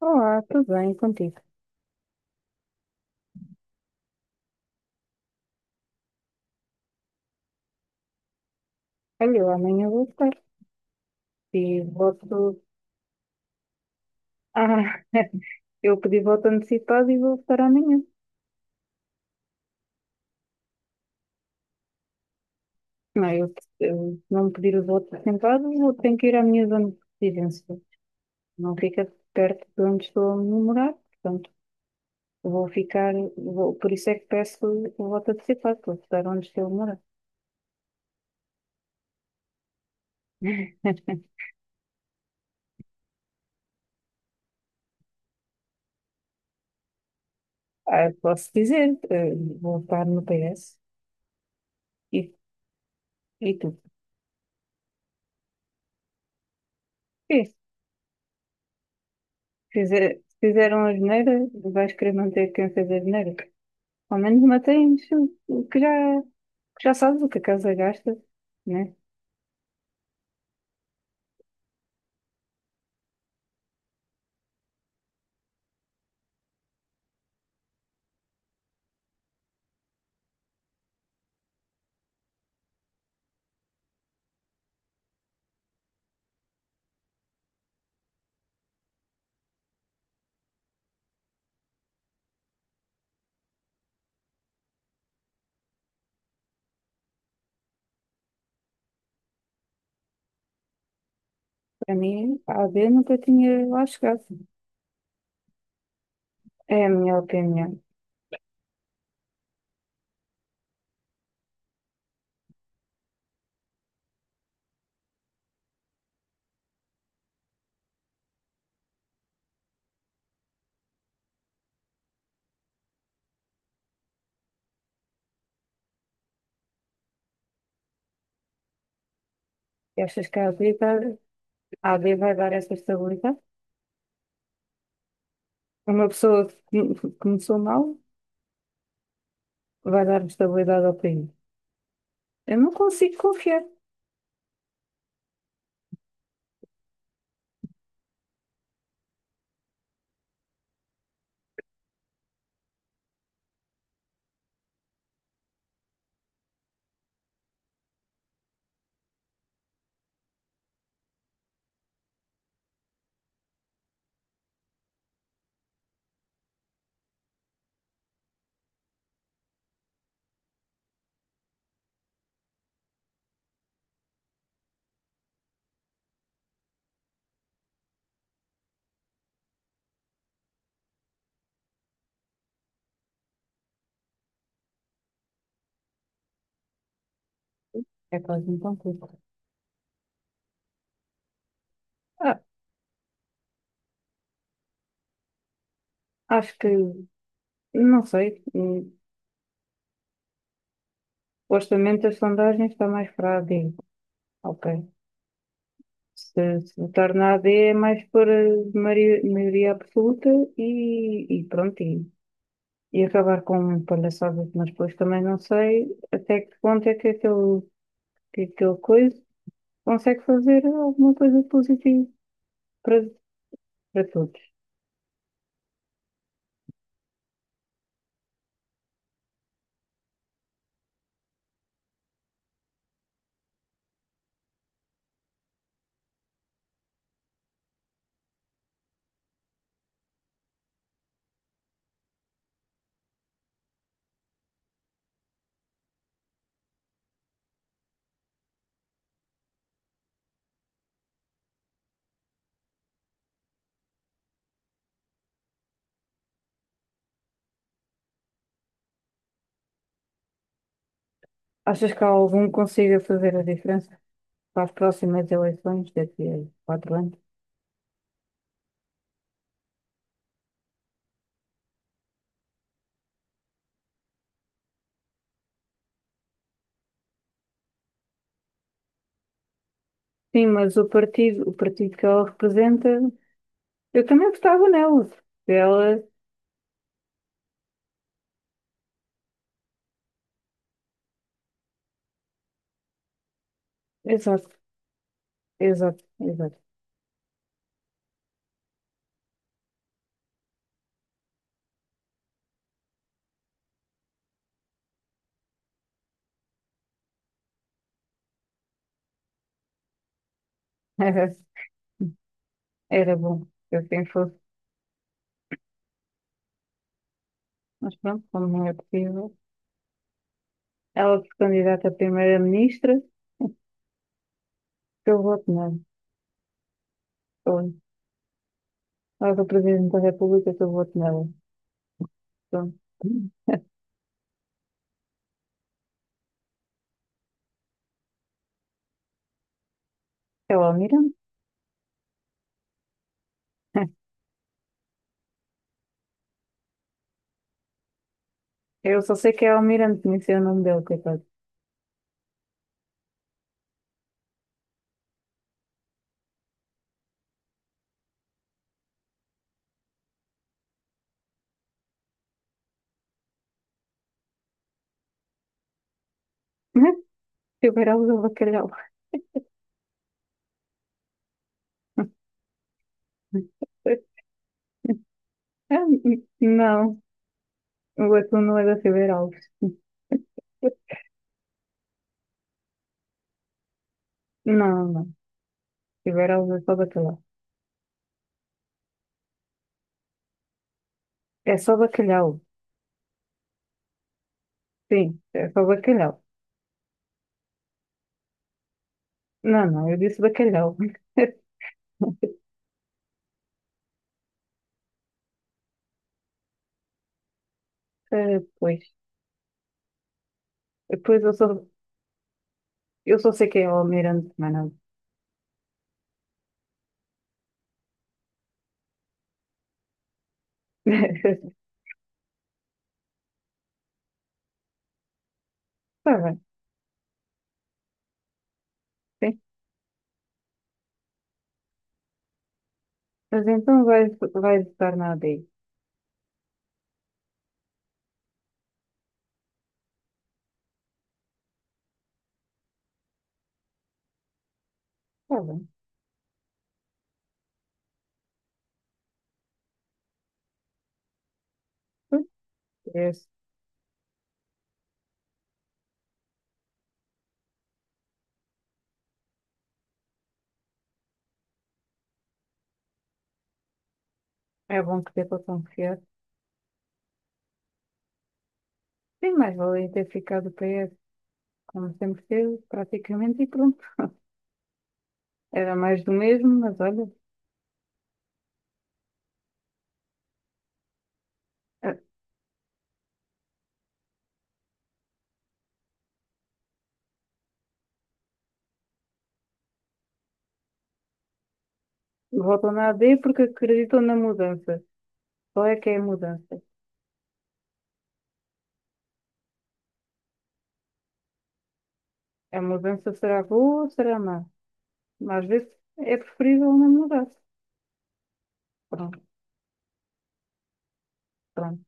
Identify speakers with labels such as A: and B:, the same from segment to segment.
A: Olá, tudo bem contigo? Olha, eu amanhã vou estar. E voto. Ah, eu pedi voto antecipado e vou votar amanhã. Não, eu, eu não pedir o voto antecipado, vou ter que ir à minha zona de residência. Não fica perto de onde estou a morar, portanto, vou ficar. Vou, por isso é que peço o voto antecipado, para votar onde estou a morar. Ah, posso dizer, vou votar no PS. E, e tu? Sim, se fizeram a geneira, vais querer manter quem fez a geneira. Ao menos mantens o que já, que já sabes o que a casa gasta, né? Para mim, a AD nunca tinha lá chegado. É a minha opinião. E achas que a a AB vai dar essa estabilidade? Uma pessoa que começou mal vai dar estabilidade ao país. Eu não consigo confiar. É quase um concurso. Ah, acho que, não sei, supostamente as sondagens está mais para a AB. Ok. Se votar na AD é mais por maioria absoluta e pronto, e acabar com palhaçadas, mas depois também não sei até que ponto é que que aquele coisa consegue fazer alguma coisa positiva para, para todos. Achas que há algum que consiga fazer a diferença para as próximas eleições daqui a quatro anos? Sim, mas o partido que ela representa, eu também gostava nela. Ela, exato, exato. Era bom que assim fosse, mas pronto, como não é possível. Ela se candidata a primeira-ministra, eu voto nela. Ou ela é o presidente da República, eu voto nela. Pronto. É o Almirante. Eu só sei que é o Almirante, nem sei o nome dele, coitado. Figueiredo do Bacalhau. Ah, não, o atum não é da Figueiredo. Não, não. Figueiredo é só bacalhau. É só bacalhau. Sim, é só bacalhau. Não, não, eu disse bacalhau. Ah, pois, Depois eu só, eu só sei que é o almirante, mas não. Está bem, sim. Mas vai estar na ADI. Está bem. Pois, é, é bom que dê para confiar. Sim, mas valia ter ficado PS, como sempre teve, praticamente, e pronto. Era mais do mesmo, mas olha, eh, voltou na AD porque acreditou na mudança. Qual é que é a mudança? A mudança será boa ou será má? Mas às vezes é preferível não mudar. Pronto, pronto.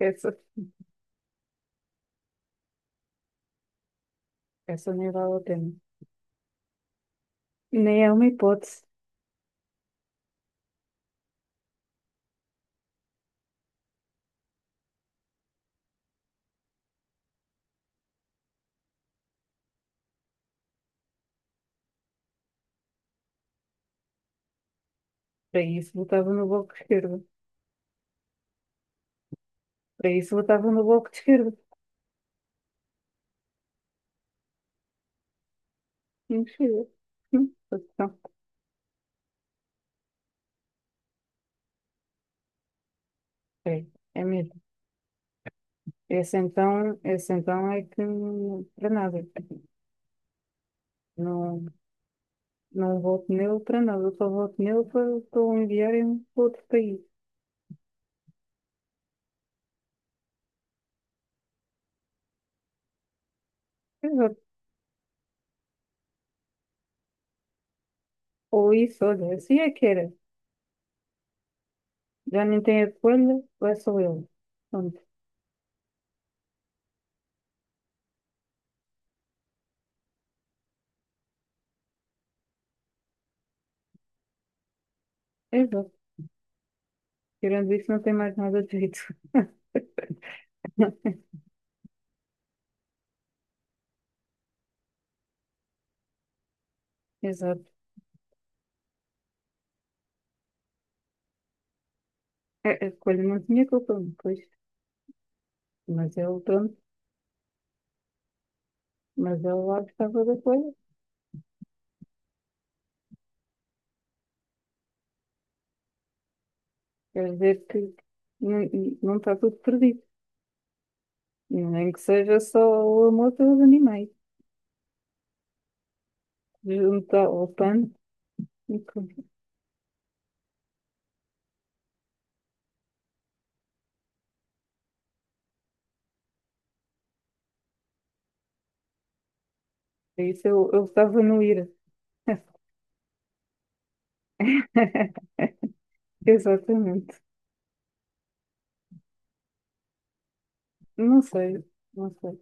A: Essa, essa nem vale a pena. Nem é uma hipótese. Para isso votava no bloco de esquerda. Para isso votava no bloco de esquerda. Não chega. Hum, então, É, é mesmo. Esse então é que não- para nada. Não, não voto nele para nada. Eu só voto nele para, para o enviarem para outro país. Exato. Ou isso, olha, assim é que era. Já nem tem a escolha, vai só ele. Pronto. Exato. Tirando isso, não tem mais nada de jeito. Exato. A escolha não tinha culpa, pois. Mas ele, pronto. Mas ele lá gostava da coisa. Quer dizer que não, não está tudo perdido. Nem que seja só o amor pelos animais. Junto ao pano. E com- eu estava no IRA. Exatamente. Não sei, não sei.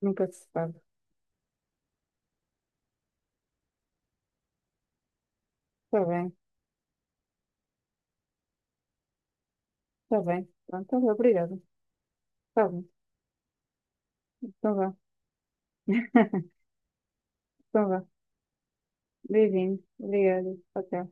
A: Nunca se sabe. Está bem, está bem. Pronto, tá bem, obrigada. Está bem, então vá. Então vá. Beijinho. Obrigada. Até.